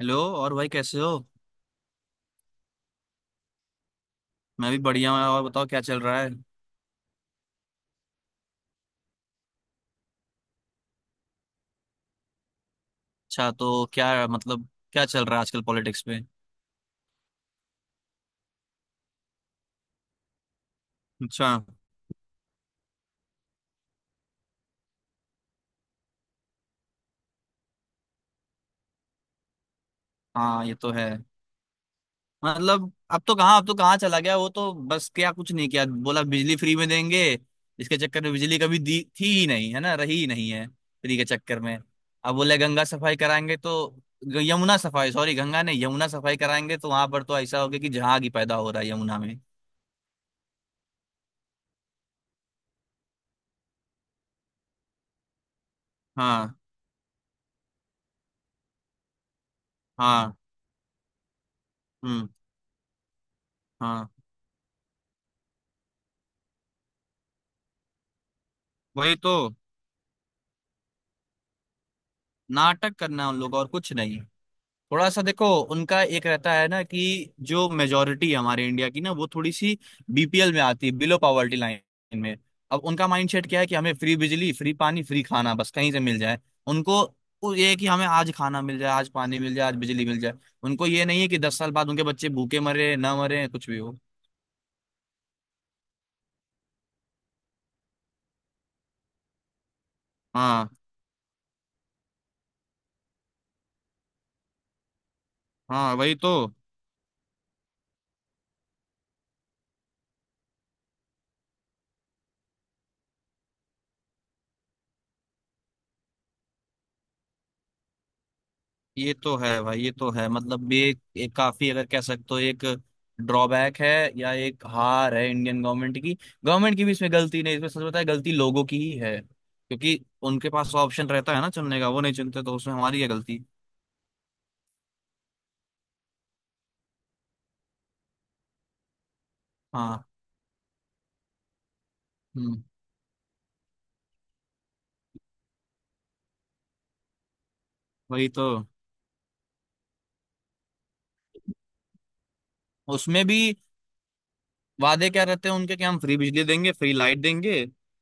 Hello और भाई कैसे हो। मैं भी बढ़िया हूँ। और बताओ क्या चल रहा है। अच्छा तो क्या मतलब, क्या चल रहा है आजकल पॉलिटिक्स में। अच्छा। हाँ ये तो है। मतलब अब तो कहाँ चला गया वो। तो बस क्या कुछ नहीं किया, बोला बिजली फ्री में देंगे। इसके चक्कर में बिजली कभी दी थी ही नहीं, है ना, रही ही नहीं है फ्री के चक्कर में। अब बोले गंगा सफाई कराएंगे, तो यमुना सफाई, सॉरी, गंगा नहीं, यमुना सफाई कराएंगे, तो वहां पर तो ऐसा हो गया कि जहां की पैदा हो रहा है यमुना में। हाँ, हाँ, हम्म। हाँ वही तो। नाटक करना उन लोग और कुछ नहीं। थोड़ा सा देखो, उनका एक रहता है ना कि जो मेजोरिटी है हमारे इंडिया की ना, वो थोड़ी सी बीपीएल में आती है, बिलो पॉवर्टी लाइन में। अब उनका माइंडसेट क्या है कि हमें फ्री बिजली, फ्री पानी, फ्री खाना बस कहीं से मिल जाए। उनको वो ये है कि हमें आज खाना मिल जाए, आज पानी मिल जाए, आज बिजली मिल जाए। उनको ये नहीं है कि 10 साल बाद उनके बच्चे भूखे मरे ना मरे कुछ भी हो। हाँ। हाँ वही तो। ये तो है भाई, ये तो है। मतलब ये एक एक काफी, अगर कह सकते हो, एक ड्रॉबैक है या एक हार है इंडियन गवर्नमेंट की। गवर्नमेंट की भी इसमें गलती नहीं, इसमें सच बताए गलती लोगों की ही है, क्योंकि उनके पास ऑप्शन रहता है ना चुनने का। वो नहीं चुनते तो उसमें हमारी है गलती। हाँ। हम्म। वही तो। उसमें भी वादे क्या रहते हैं उनके कि हम फ्री बिजली देंगे, फ्री लाइट देंगे।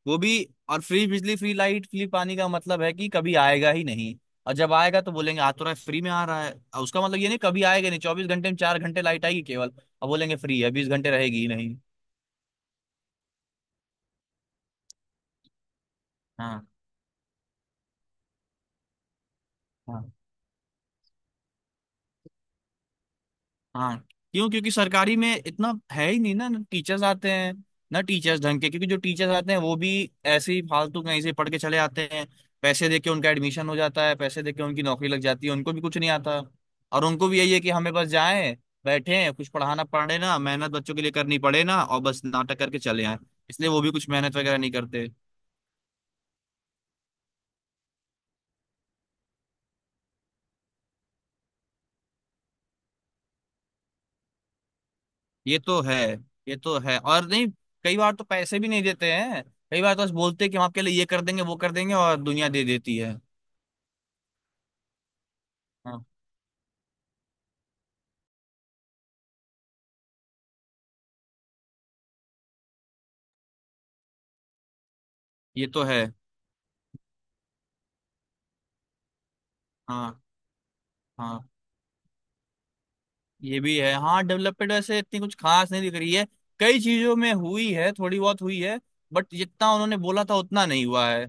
वो भी। और फ्री बिजली, फ्री लाइट, फ्री पानी का मतलब है कि कभी आएगा ही नहीं। और जब आएगा तो बोलेंगे आ तो रहा है, फ्री में आ रहा है। और उसका मतलब ये नहीं, कभी आएगा नहीं। 24 घंटे में 4 घंटे लाइट आएगी केवल। और बोलेंगे फ्री है, 20 घंटे रहेगी ही नहीं। हाँ, हाँ, हाँ। क्यों, क्योंकि सरकारी में इतना है ही नहीं ना। ना टीचर्स आते हैं, ना टीचर्स ढंग के। क्योंकि जो टीचर्स आते हैं वो भी ऐसे ही फालतू कहीं से पढ़ के चले आते हैं। पैसे दे के उनका एडमिशन हो जाता है, पैसे दे के उनकी नौकरी लग जाती है, उनको भी कुछ नहीं आता। और उनको भी यही है कि हमें बस जाएं, बैठे, कुछ पढ़ाना पड़े ना, मेहनत बच्चों के लिए करनी पड़े ना, और बस नाटक करके चले आए। इसलिए वो भी कुछ मेहनत वगैरह नहीं करते। ये तो है, ये तो है। और नहीं, कई बार तो पैसे भी नहीं देते हैं। कई बार तो बस बोलते हैं कि हम आपके लिए ये कर देंगे, वो कर देंगे, और दुनिया दे देती है। हाँ। ये तो है। हाँ, हाँ। ये भी है। हाँ, डेवलपमेंट वैसे इतनी कुछ खास नहीं दिख रही है। कई चीजों में हुई है, थोड़ी बहुत हुई है, बट जितना उन्होंने बोला था उतना नहीं हुआ है।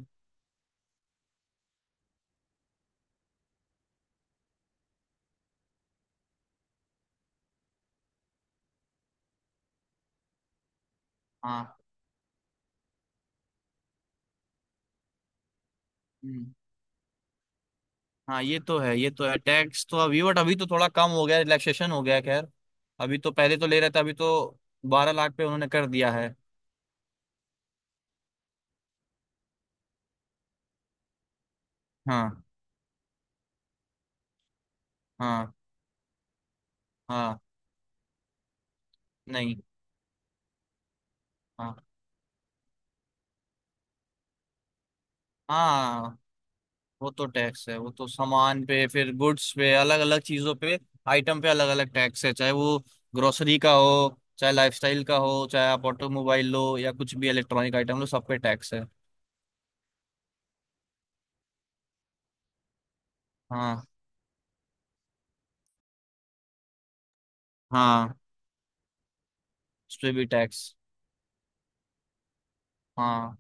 हाँ। हम्म। हाँ ये तो है, ये तो है। टैक्स तो अभी, बट अभी तो थोड़ा कम हो गया, रिलैक्सेशन हो गया है, खैर। अभी तो, पहले तो ले रहे थे, अभी तो 12 लाख पे उन्होंने कर दिया है। हाँ। हाँ। हाँ। नहीं। हाँ। हाँ। वो तो टैक्स है, वो तो सामान पे, फिर गुड्स पे, अलग अलग चीजों पे। आइटम पे अलग अलग टैक्स है, चाहे वो ग्रोसरी का हो, चाहे लाइफस्टाइल का हो, चाहे आप ऑटोमोबाइल लो, या कुछ भी इलेक्ट्रॉनिक आइटम लो, सब पे टैक्स है। हाँ। हाँ। उस पे भी टैक्स। हाँ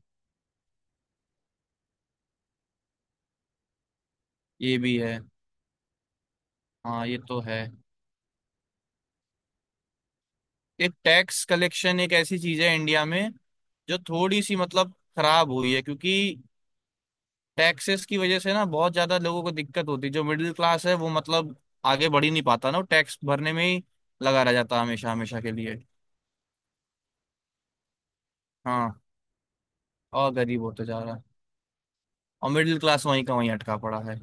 ये भी है। हाँ ये तो है। एक टैक्स कलेक्शन एक ऐसी चीज है इंडिया में जो थोड़ी सी मतलब खराब हुई है, क्योंकि टैक्सेस की वजह से ना बहुत ज्यादा लोगों को दिक्कत होती है। जो मिडिल क्लास है वो मतलब आगे बढ़ ही नहीं पाता ना, वो टैक्स भरने में ही लगा रह जाता है हमेशा हमेशा के लिए। हाँ। और गरीब होते जा रहा है, और मिडिल क्लास वहीं का वहीं अटका पड़ा है।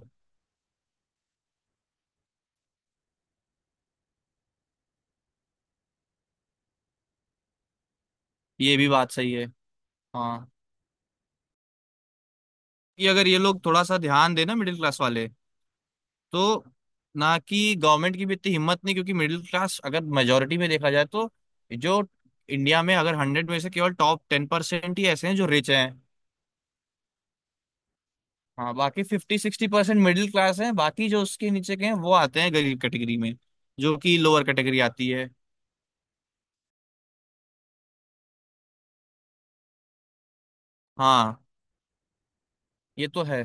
ये भी बात सही है। हाँ। कि अगर ये लोग थोड़ा सा ध्यान देना मिडिल क्लास वाले, तो ना, कि गवर्नमेंट की भी इतनी हिम्मत नहीं, क्योंकि मिडिल क्लास अगर मेजोरिटी में देखा जाए तो, जो, इंडिया में अगर 100 में से केवल टॉप 10% ही ऐसे हैं जो रिच हैं। हाँ, बाकी 50-60% मिडिल क्लास है, बाकी जो उसके नीचे के हैं वो आते हैं गरीब कैटेगरी में, जो कि लोअर कैटेगरी आती है। हाँ ये तो है।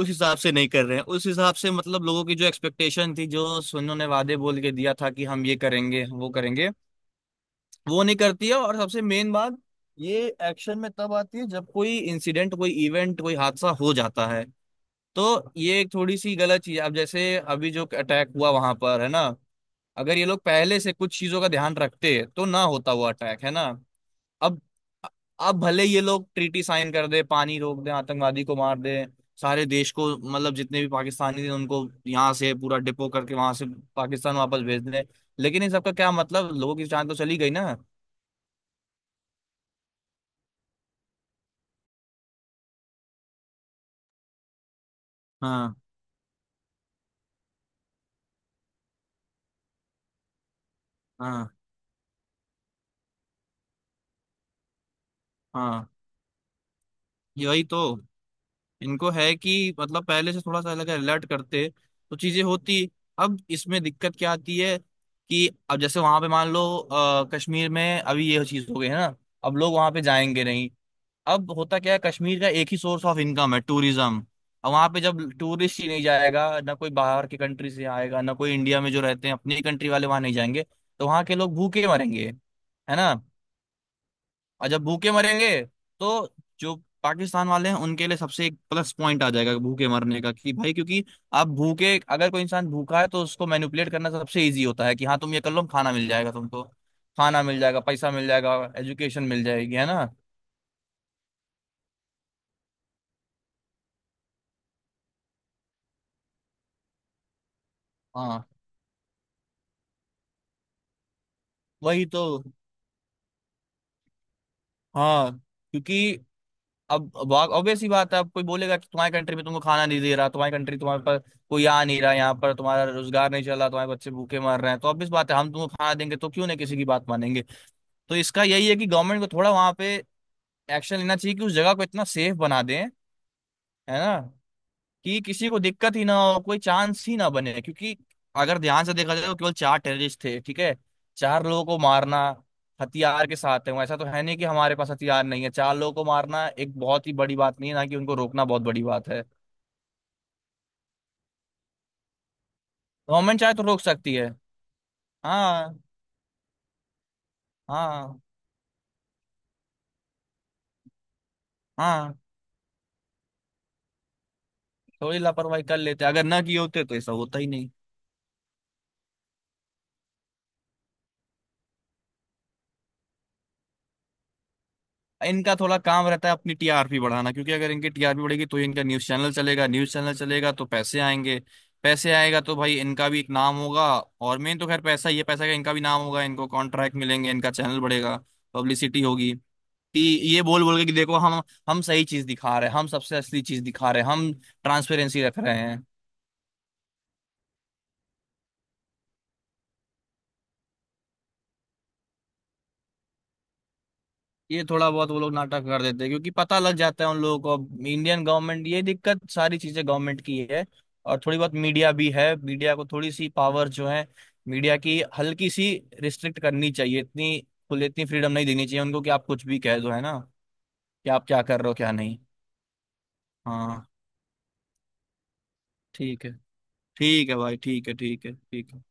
उस हिसाब से नहीं कर रहे हैं, उस हिसाब से मतलब लोगों की जो एक्सपेक्टेशन थी, जो सुनो ने वादे बोल के दिया था कि हम ये करेंगे, हम वो करेंगे, वो नहीं करती है। और सबसे मेन बात, ये एक्शन में तब आती है जब कोई इंसिडेंट, कोई इवेंट, कोई हादसा हो जाता है। तो ये एक थोड़ी सी गलत चीज है। अब जैसे अभी जो अटैक हुआ वहां पर, है ना, अगर ये लोग पहले से कुछ चीजों का ध्यान रखते तो ना होता वो अटैक, है ना। अब अब भले ये लोग ट्रीटी साइन कर दे, पानी रोक दे, आतंकवादी को मार दे, सारे देश को मतलब जितने भी पाकिस्तानी थे उनको यहाँ से पूरा डिपो करके वहां से पाकिस्तान वापस भेज दे, लेकिन इन सबका क्या मतलब, लोगों की जान तो चली गई ना। हाँ। हाँ। हाँ। यही तो। इनको है कि मतलब पहले से थोड़ा सा अलग अलर्ट करते तो चीजें होती। अब इसमें दिक्कत क्या आती है कि अब जैसे वहां पे मान लो कश्मीर में अभी ये चीज हो गई है ना, अब लोग वहां पे जाएंगे नहीं। अब होता क्या है, कश्मीर का एक ही सोर्स ऑफ इनकम है, टूरिज्म। अब वहां पे जब टूरिस्ट ही नहीं जाएगा, ना कोई बाहर की कंट्री से आएगा, ना कोई इंडिया में जो रहते हैं अपनी कंट्री वाले वहां नहीं जाएंगे, तो वहां के लोग भूखे मरेंगे, है ना। और जब भूखे मरेंगे तो जो पाकिस्तान वाले हैं उनके लिए सबसे एक प्लस पॉइंट आ जाएगा भूखे मरने का, कि भाई, क्योंकि आप भूखे, अगर कोई इंसान भूखा है तो उसको मैनिपुलेट करना सबसे इजी होता है कि हाँ तुम ये कर लो, खाना मिल जाएगा तुमको, खाना मिल जाएगा, पैसा मिल जाएगा, एजुकेशन मिल जाएगी, है ना। हाँ वही तो। हाँ, क्योंकि अब ऑब्वियस ही बात है, अब कोई बोलेगा कि तुम्हारी कंट्री में तुमको खाना नहीं दे रहा, तुम्हारी कंट्री, तुम्हारे पास कोई आ नहीं रहा यहाँ पर, तुम्हारा रोजगार नहीं चल रहा, तुम्हारे बच्चे भूखे मर रहे हैं, तो ऑब्वियस बात है हम तुमको खाना देंगे तो क्यों नहीं किसी की बात मानेंगे। तो इसका यही है कि गवर्नमेंट को थोड़ा वहां पे एक्शन लेना चाहिए कि उस जगह को इतना सेफ बना दें, है ना, कि किसी को दिक्कत ही ना हो, कोई चांस ही ना बने। क्योंकि अगर ध्यान से देखा जाए तो केवल चार टेररिस्ट थे, ठीक है, चार लोगों को मारना हथियार के साथ, है वो ऐसा तो है नहीं कि हमारे पास हथियार नहीं है, चार लोगों को मारना एक बहुत ही बड़ी बात नहीं है ना, कि उनको रोकना बहुत बड़ी बात है। गवर्नमेंट चाहे तो रोक सकती है। हाँ, हाँ, हाँ। थोड़ी लापरवाही कर लेते, अगर ना किए होते तो ऐसा होता ही नहीं। इनका थोड़ा काम रहता है अपनी टीआरपी बढ़ाना, क्योंकि अगर इनकी टीआरपी बढ़ेगी तो इनका न्यूज चैनल चलेगा, न्यूज चैनल चलेगा तो पैसे आएंगे, पैसे आएगा तो भाई इनका भी एक नाम होगा। और मेन तो खैर पैसा ही है, पैसा का, इनका भी नाम होगा, इनको कॉन्ट्रैक्ट मिलेंगे, इनका चैनल बढ़ेगा, पब्लिसिटी होगी, कि ये बोल बोल के कि देखो, हम सही चीज दिखा रहे हैं, हम सबसे असली चीज दिखा रहे हैं, हम ट्रांसपेरेंसी रख रहे हैं। ये थोड़ा बहुत वो लोग नाटक कर देते हैं, क्योंकि पता लग जाता है उन लोगों को। अब इंडियन गवर्नमेंट ये दिक्कत, सारी चीजें गवर्नमेंट की है, और थोड़ी बहुत मीडिया भी है, मीडिया को थोड़ी सी पावर जो है, मीडिया की, हल्की सी रिस्ट्रिक्ट करनी चाहिए इतनी, खुले, इतनी फ्रीडम नहीं देनी चाहिए उनको कि आप कुछ भी कह दो, है ना, कि आप क्या कर रहे हो क्या नहीं। हाँ। ठीक है। ठीक है भाई, ठीक है, ठीक है, ठीक है।